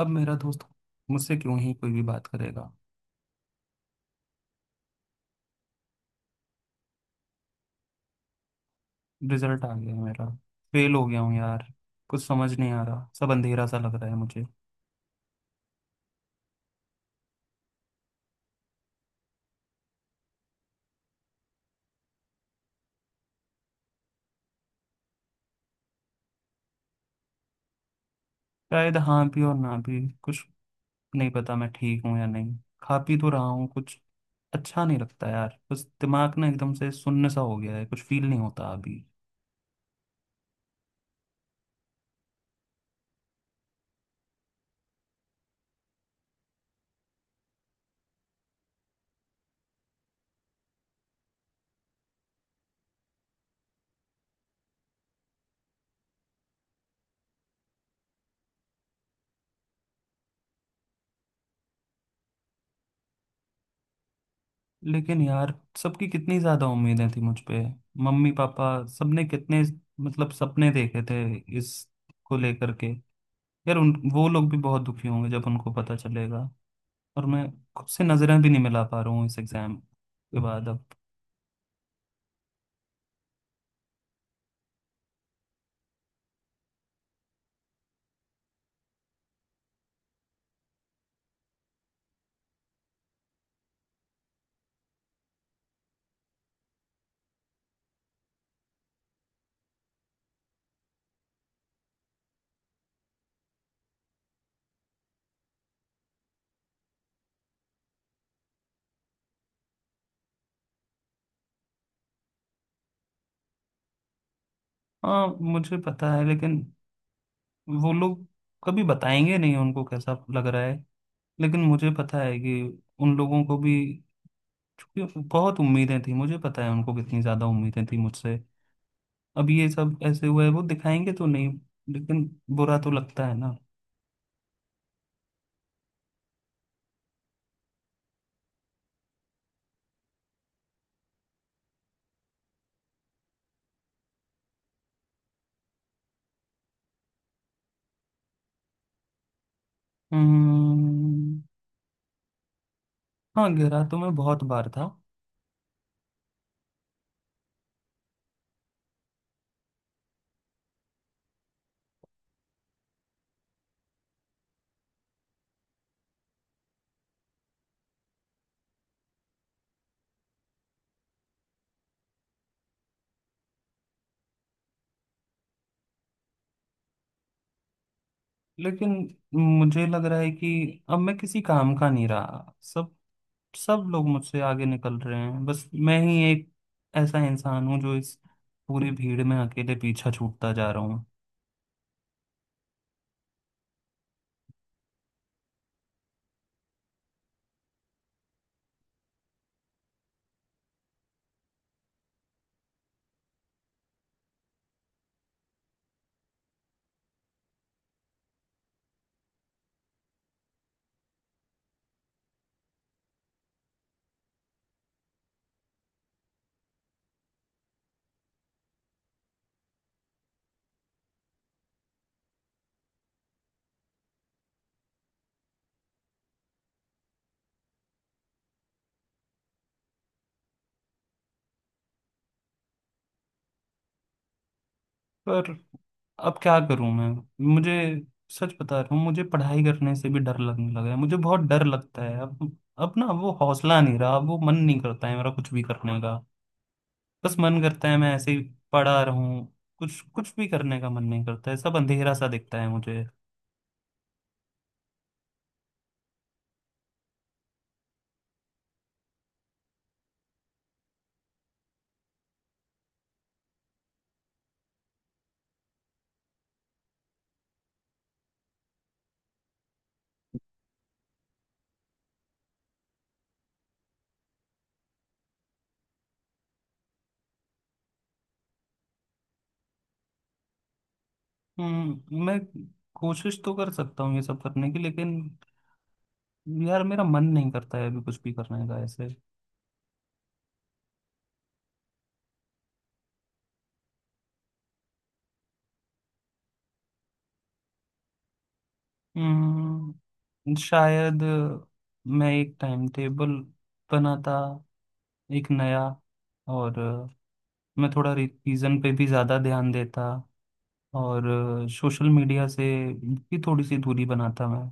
अब मेरा दोस्त मुझसे क्यों ही कोई भी बात करेगा। रिजल्ट आ गया है मेरा। फेल हो गया हूँ यार। कुछ समझ नहीं आ रहा, सब अंधेरा सा लग रहा है मुझे। शायद हाँ भी और ना भी, कुछ नहीं पता मैं ठीक हूँ या नहीं। खा पी तो रहा हूँ कुछ। अच्छा नहीं लगता यार, बस दिमाग ना एकदम से सुन्न सा हो गया है, कुछ फील नहीं होता अभी। लेकिन यार, सबकी कितनी ज़्यादा उम्मीदें थी मुझ पे। मम्मी पापा सबने कितने, मतलब, सपने देखे थे इसको लेकर के। यार उन वो लोग भी बहुत दुखी होंगे जब उनको पता चलेगा। और मैं खुद से नजरें भी नहीं मिला पा रहा हूँ इस एग्जाम के बाद अब। हाँ मुझे पता है, लेकिन वो लोग कभी बताएंगे नहीं उनको कैसा लग रहा है। लेकिन मुझे पता है कि उन लोगों को भी, क्योंकि बहुत उम्मीदें थी, मुझे पता है उनको कितनी ज्यादा उम्मीदें थी मुझसे। अब ये सब ऐसे हुआ है वो दिखाएंगे तो नहीं, लेकिन बुरा तो लगता है ना। हम्म। हाँ गहरा तो मैं बहुत बार था। लेकिन मुझे लग रहा है कि अब मैं किसी काम का नहीं रहा। सब सब लोग मुझसे आगे निकल रहे हैं, बस मैं ही एक ऐसा इंसान हूँ जो इस पूरी भीड़ में अकेले पीछा छूटता जा रहा हूँ। पर अब क्या करूँ मैं? मुझे, सच बता रहा हूँ, मुझे पढ़ाई करने से भी डर लगने लगा है, मुझे बहुत डर लगता है अब। अब ना वो हौसला नहीं रहा, अब वो मन नहीं करता है मेरा कुछ भी करने का। बस मन करता है मैं ऐसे ही पड़ा रहूं। कुछ कुछ भी करने का मन नहीं करता है, सब अंधेरा सा दिखता है मुझे। हम्म। मैं कोशिश तो कर सकता हूँ ये सब करने की, लेकिन यार मेरा मन नहीं करता है अभी कुछ भी करने का ऐसे। हम्म, शायद मैं एक टाइम टेबल बनाता, एक नया। और मैं थोड़ा रिवीजन पे भी ज़्यादा ध्यान देता। और सोशल मीडिया से भी थोड़ी सी दूरी बनाता मैं।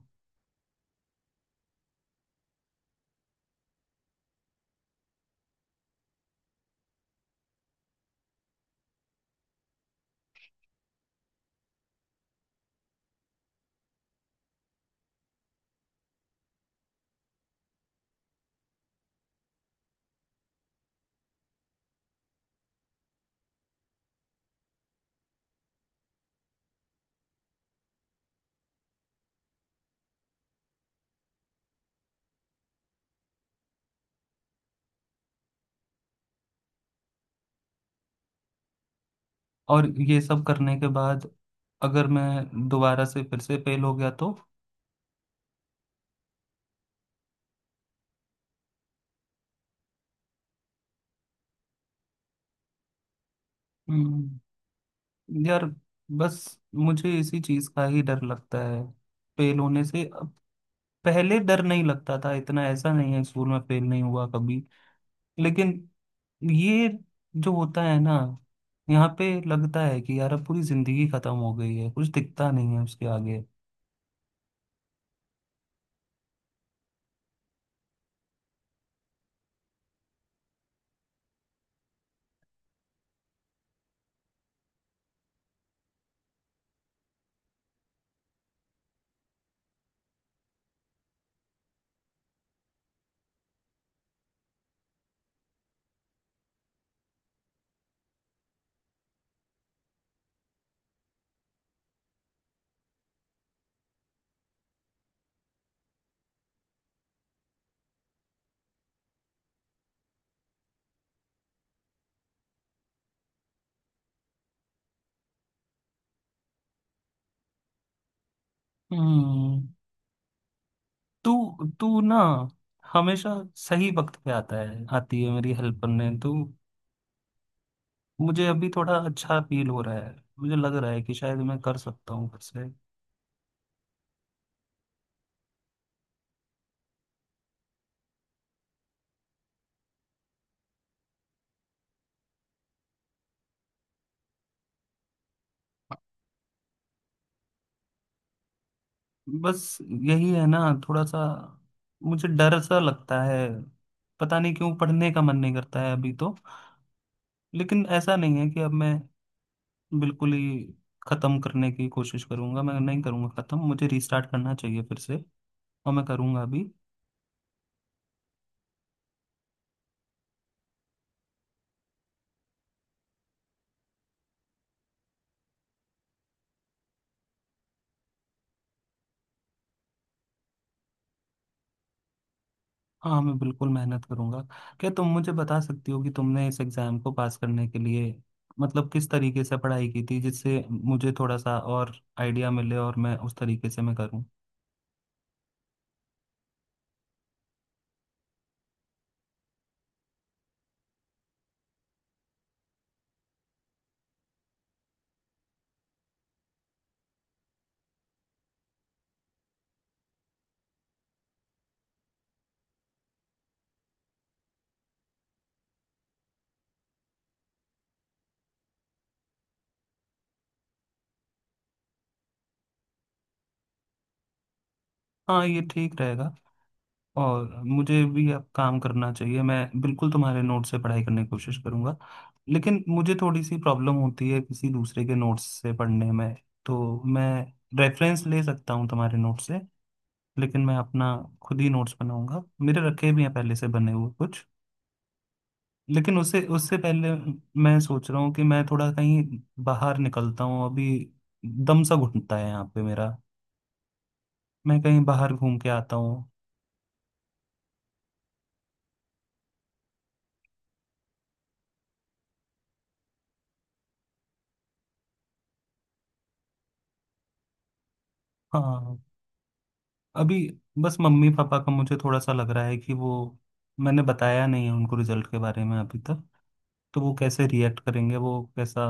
और ये सब करने के बाद अगर मैं दोबारा से फिर से फेल हो गया तो? हम्म। यार, बस मुझे इसी चीज का ही डर लगता है, फेल होने से अब। पहले डर नहीं लगता था इतना, ऐसा नहीं है, स्कूल में फेल नहीं हुआ कभी। लेकिन ये जो होता है ना, यहाँ पे लगता है कि यार अब पूरी जिंदगी खत्म हो गई है, कुछ दिखता नहीं है उसके आगे। हम्म। तू तू ना हमेशा सही वक्त पे आता है, आती है, मेरी हेल्प करने। तो मुझे अभी थोड़ा अच्छा फील हो रहा है, मुझे लग रहा है कि शायद मैं कर सकता हूँ। बस यही है ना। थोड़ा सा मुझे डर सा लगता है, पता नहीं क्यों पढ़ने का मन नहीं करता है अभी तो। लेकिन ऐसा नहीं है कि अब मैं बिल्कुल ही खत्म करने की कोशिश करूंगा, मैं नहीं करूंगा खत्म, मुझे रीस्टार्ट करना चाहिए फिर से, और मैं करूंगा अभी। हाँ, मैं बिल्कुल मेहनत करूंगा। क्या तुम मुझे बता सकती हो कि तुमने इस एग्जाम को पास करने के लिए, मतलब, किस तरीके से पढ़ाई की थी, जिससे मुझे थोड़ा सा और आइडिया मिले और मैं उस तरीके से मैं करूँ। हाँ ये ठीक रहेगा। और मुझे भी अब काम करना चाहिए, मैं बिल्कुल तुम्हारे नोट से पढ़ाई करने की कोशिश करूंगा। लेकिन मुझे थोड़ी सी प्रॉब्लम होती है किसी दूसरे के नोट्स से पढ़ने में। तो मैं रेफरेंस ले सकता हूँ तुम्हारे नोट से, लेकिन मैं अपना खुद ही नोट्स बनाऊंगा, मेरे रखे भी हैं पहले से बने हुए कुछ। लेकिन उससे उससे पहले मैं सोच रहा हूँ कि मैं थोड़ा कहीं बाहर निकलता हूँ अभी। दम सा घुटता है यहाँ पे मेरा, मैं कहीं बाहर घूम के आता हूँ। हाँ, अभी बस मम्मी पापा का मुझे थोड़ा सा लग रहा है कि वो, मैंने बताया नहीं है उनको रिजल्ट के बारे में अभी तक, तो वो कैसे रिएक्ट करेंगे, वो कैसा।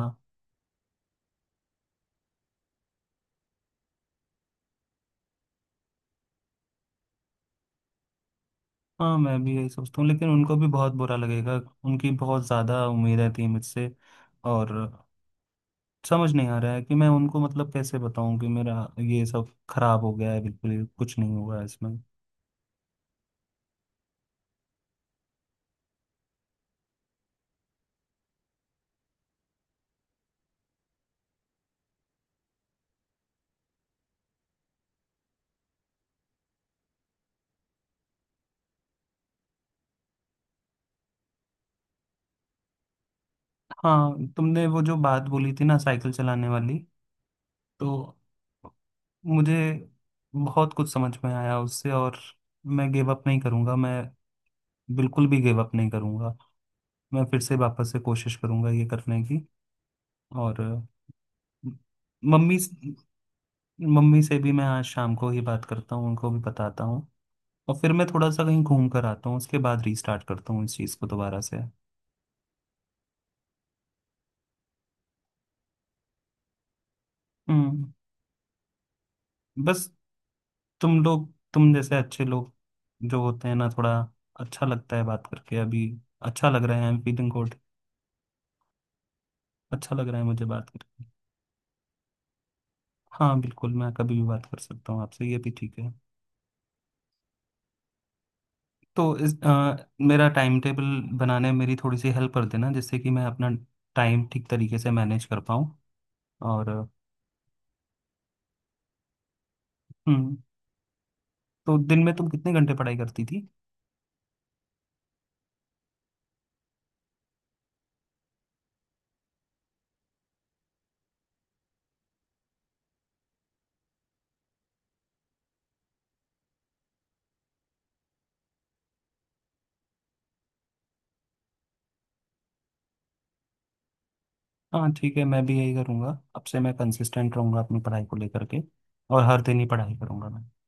हाँ मैं भी यही सोचता हूँ, लेकिन उनको भी बहुत बुरा लगेगा, उनकी बहुत ज़्यादा उम्मीदें थी मुझसे। और समझ नहीं आ रहा है कि मैं उनको, मतलब, कैसे बताऊं कि मेरा ये सब खराब हो गया है बिल्कुल ही, कुछ नहीं हुआ है इसमें। हाँ तुमने वो जो बात बोली थी ना, साइकिल चलाने वाली, तो मुझे बहुत कुछ समझ में आया उससे। और मैं गिव अप नहीं करूंगा, मैं बिल्कुल भी गिव अप नहीं करूंगा। मैं फिर से वापस से कोशिश करूंगा ये करने की। और अ, मम्मी मम्मी से भी मैं आज शाम को ही बात करता हूँ, उनको भी बताता हूँ। और फिर मैं थोड़ा सा कहीं घूम कर आता हूँ, उसके बाद रीस्टार्ट करता हूँ इस चीज़ को दोबारा से। हम्म। बस तुम लोग, तुम जैसे अच्छे लोग जो होते हैं ना, थोड़ा अच्छा लगता है बात करके अभी। अच्छा लग रहा है, आई एम फीलिंग गुड। अच्छा लग रहा है मुझे बात करके। हाँ बिल्कुल, मैं कभी भी बात कर सकता हूँ आपसे, ये भी ठीक है। तो मेरा टाइम टेबल बनाने में मेरी थोड़ी सी हेल्प कर देना, जिससे कि मैं अपना टाइम ठीक तरीके से मैनेज कर पाऊँ। और हम्म, तो दिन में तुम कितने घंटे पढ़ाई करती थी? हाँ ठीक है, मैं भी यही करूँगा। अब से मैं कंसिस्टेंट रहूँगा अपनी पढ़ाई को लेकर के, और हर दिन ही पढ़ाई करूँगा मैं।